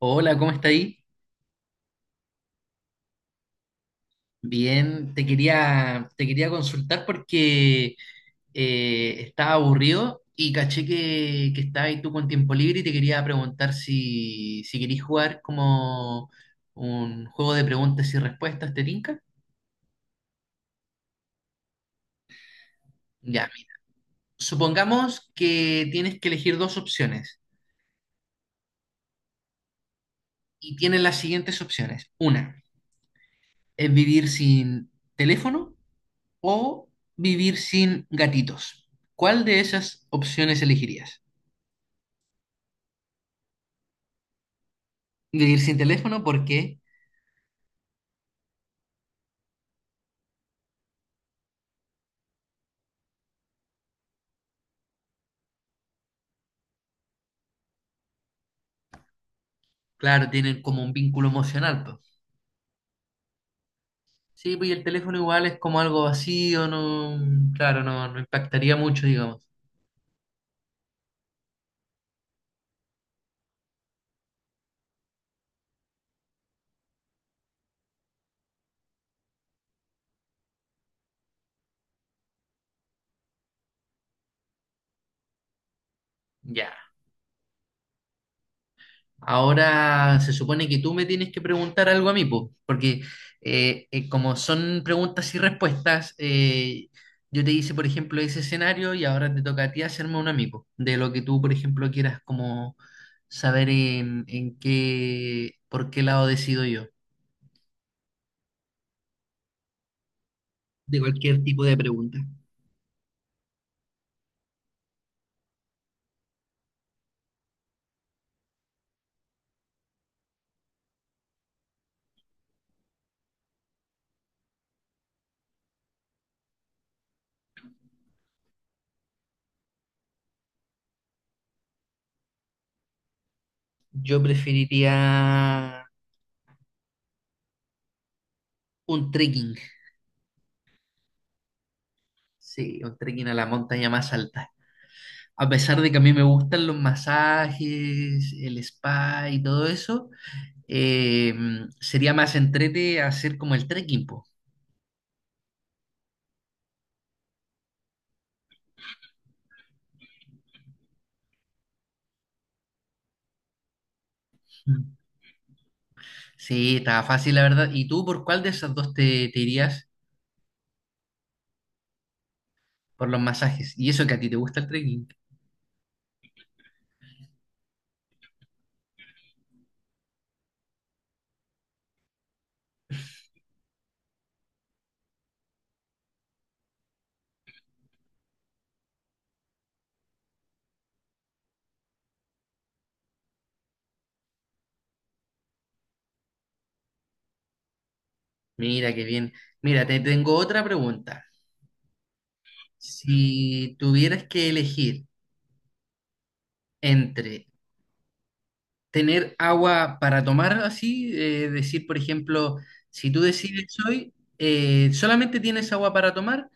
Hola, ¿cómo está ahí? Bien, te quería consultar porque estaba aburrido y caché que estabas ahí tú con tiempo libre y te quería preguntar si querís jugar como un juego de preguntas y respuestas, ¿te tinca? Ya, mira. Supongamos que tienes que elegir dos opciones y tienes las siguientes opciones. Una es vivir sin teléfono o vivir sin gatitos. ¿Cuál de esas opciones elegirías? Vivir sin teléfono porque, claro, tienen como un vínculo emocional, pues. Sí, pues y el teléfono igual es como algo vacío, no, claro, no impactaría mucho, digamos. Ya. Ahora se supone que tú me tienes que preguntar algo a mí, pues, porque como son preguntas y respuestas, yo te hice, por ejemplo, ese escenario y ahora te toca a ti hacerme un amigo de lo que tú, por ejemplo, quieras como saber en qué, por qué lado decido yo, de cualquier tipo de pregunta. Yo preferiría un trekking, sí, un trekking a la montaña más alta. A pesar de que a mí me gustan los masajes, el spa y todo eso, eh, sería más entrete hacer como el trekking, po. Mm. Sí, estaba fácil, la verdad. ¿Y tú por cuál de esas dos te irías por los masajes? Y eso que a ti te gusta el trekking. Mira, qué bien. Mira, te tengo otra pregunta. Si tuvieras que elegir entre tener agua para tomar así, decir, por ejemplo, si tú decides hoy, solamente tienes agua para tomar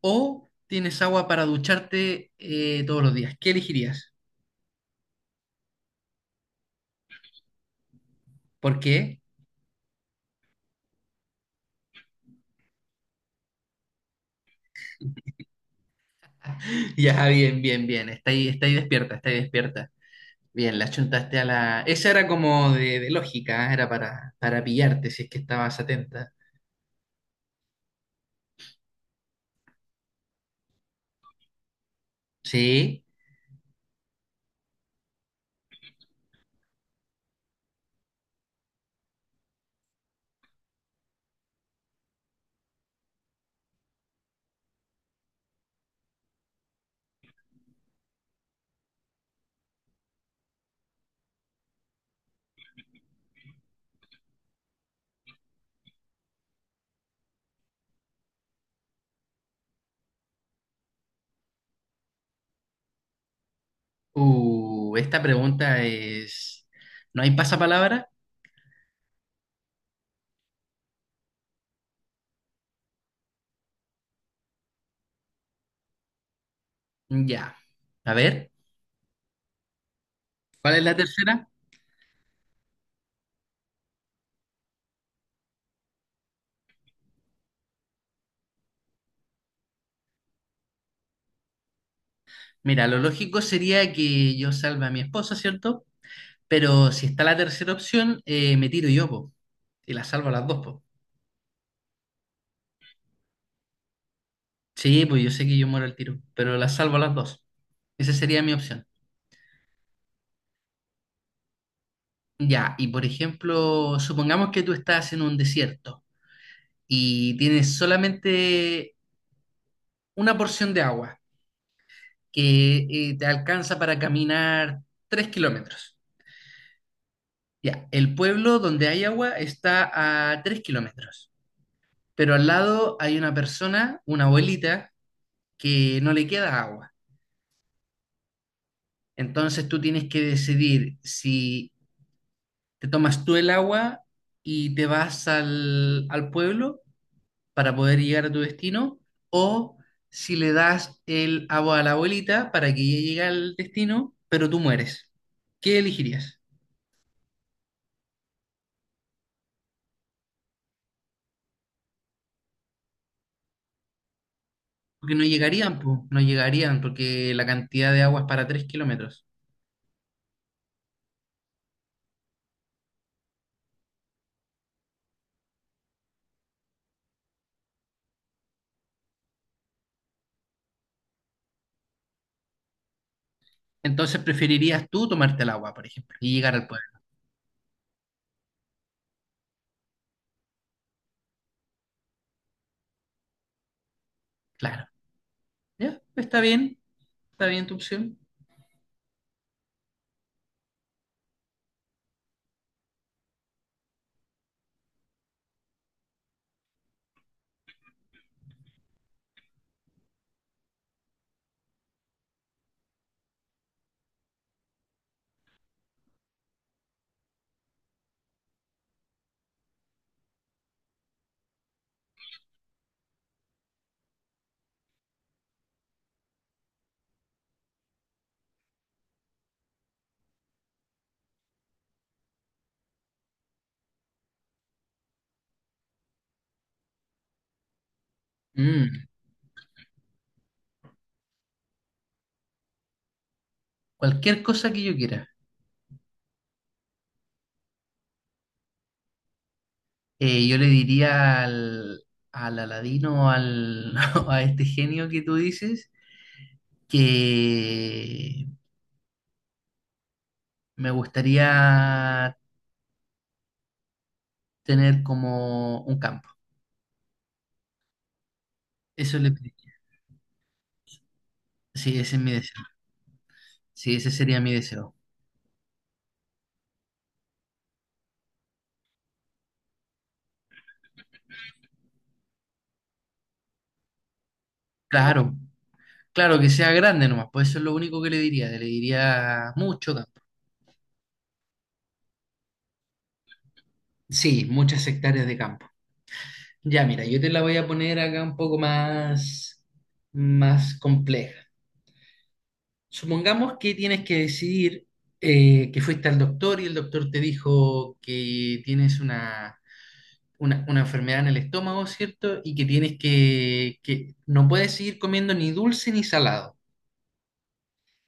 o tienes agua para ducharte todos los días. ¿Qué elegirías? ¿Por qué? Ya, bien, bien, bien. Está ahí despierta, está ahí despierta. Bien, la chuntaste a la… Esa era como de lógica, ¿eh? Era para pillarte si es que estabas atenta. Sí. Esta pregunta es… ¿No hay pasapalabra? Ya. A ver. ¿Cuál es la tercera? Mira, lo lógico sería que yo salve a mi esposa, ¿cierto? Pero si está la tercera opción, me tiro yo, po. Y la salvo a las dos, po. Sí, pues yo sé que yo muero al tiro, pero la salvo a las dos. Esa sería mi opción. Ya, y por ejemplo, supongamos que tú estás en un desierto y tienes solamente una porción de agua que te alcanza para caminar 3 kilómetros. Ya, el pueblo donde hay agua está a 3 kilómetros, pero al lado hay una persona, una abuelita, que no le queda agua. Entonces tú tienes que decidir si te tomas tú el agua y te vas al pueblo para poder llegar a tu destino, o si le das el agua a la abuelita para que ella llegue al destino, pero tú mueres. ¿Qué elegirías? Porque no llegarían, po, no llegarían, porque la cantidad de agua es para 3 kilómetros. Entonces preferirías tú tomarte el agua, por ejemplo, y llegar al pueblo. Claro. Ya, está bien tu opción. Mm, cualquier cosa que yo quiera. Yo le diría al Aladino o al, o a este genio que tú dices que me gustaría tener como un campo. Eso le pediría. Sí, ese es mi deseo. Sí, ese sería mi deseo. Claro, claro que sea grande nomás, pues eso es lo único que le diría. Le diría mucho campo. Sí, muchas hectáreas de campo. Ya, mira, yo te la voy a poner acá un poco más, más compleja. Supongamos que tienes que decidir que fuiste al doctor y el doctor te dijo que tienes una enfermedad en el estómago, ¿cierto? Y que tienes que no puedes seguir comiendo ni dulce ni salado.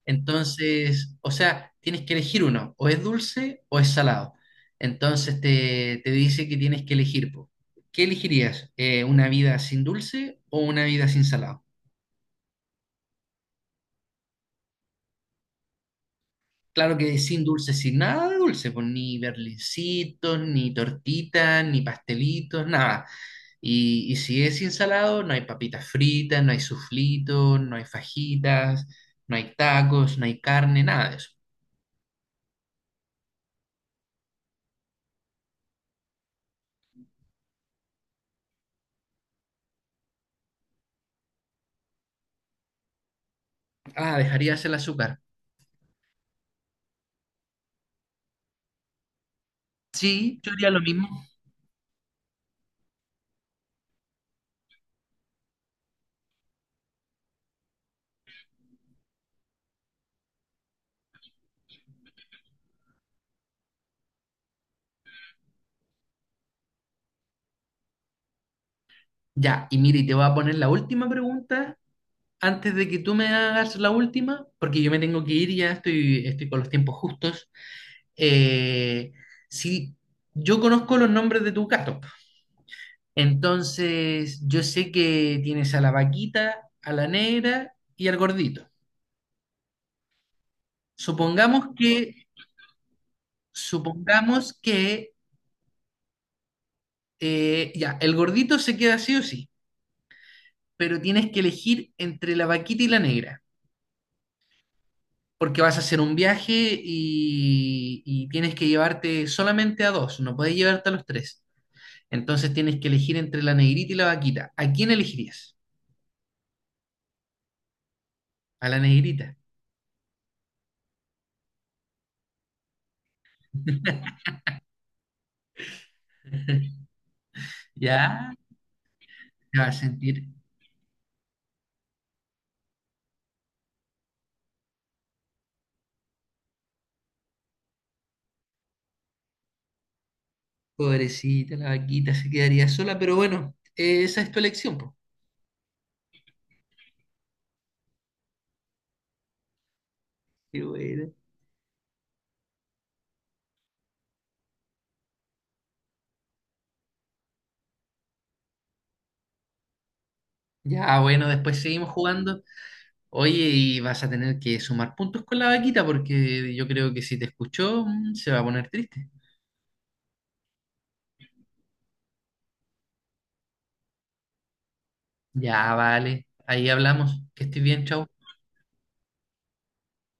Entonces, o sea, tienes que elegir uno, o es dulce o es salado. Entonces te dice que tienes que elegir, po. ¿Qué elegirías? ¿Una vida sin dulce o una vida sin salado? Claro que sin dulce, sin nada de dulce, pues ni berlincitos, ni tortitas, ni pastelitos, nada. Y si es sin salado, no hay papitas fritas, no hay suflitos, no hay fajitas, no hay tacos, no hay carne, nada de eso. Ah, dejarías el azúcar. Sí, yo haría lo mismo. Ya, y mire, te voy a poner la última pregunta antes de que tú me hagas la última, porque yo me tengo que ir, ya estoy, estoy con los tiempos justos. Eh, si yo conozco los nombres de tus gatos, entonces yo sé que tienes a la vaquita, a la negra y al gordito. Supongamos que, supongamos que, ya, el gordito se queda sí o sí, pero tienes que elegir entre la vaquita y la negra, porque vas a hacer un viaje y tienes que llevarte solamente a dos, no puedes llevarte a los tres. Entonces tienes que elegir entre la negrita y la vaquita. ¿A quién elegirías? A la negrita. Ya, te vas a sentir pobrecita, la vaquita se quedaría sola, pero bueno, esa es tu elección, po. Qué bueno. Ya, bueno, después seguimos jugando. Oye, y vas a tener que sumar puntos con la vaquita porque yo creo que si te escuchó, mm, se va a poner triste. Ya, vale. Ahí hablamos. Que estés bien, chau.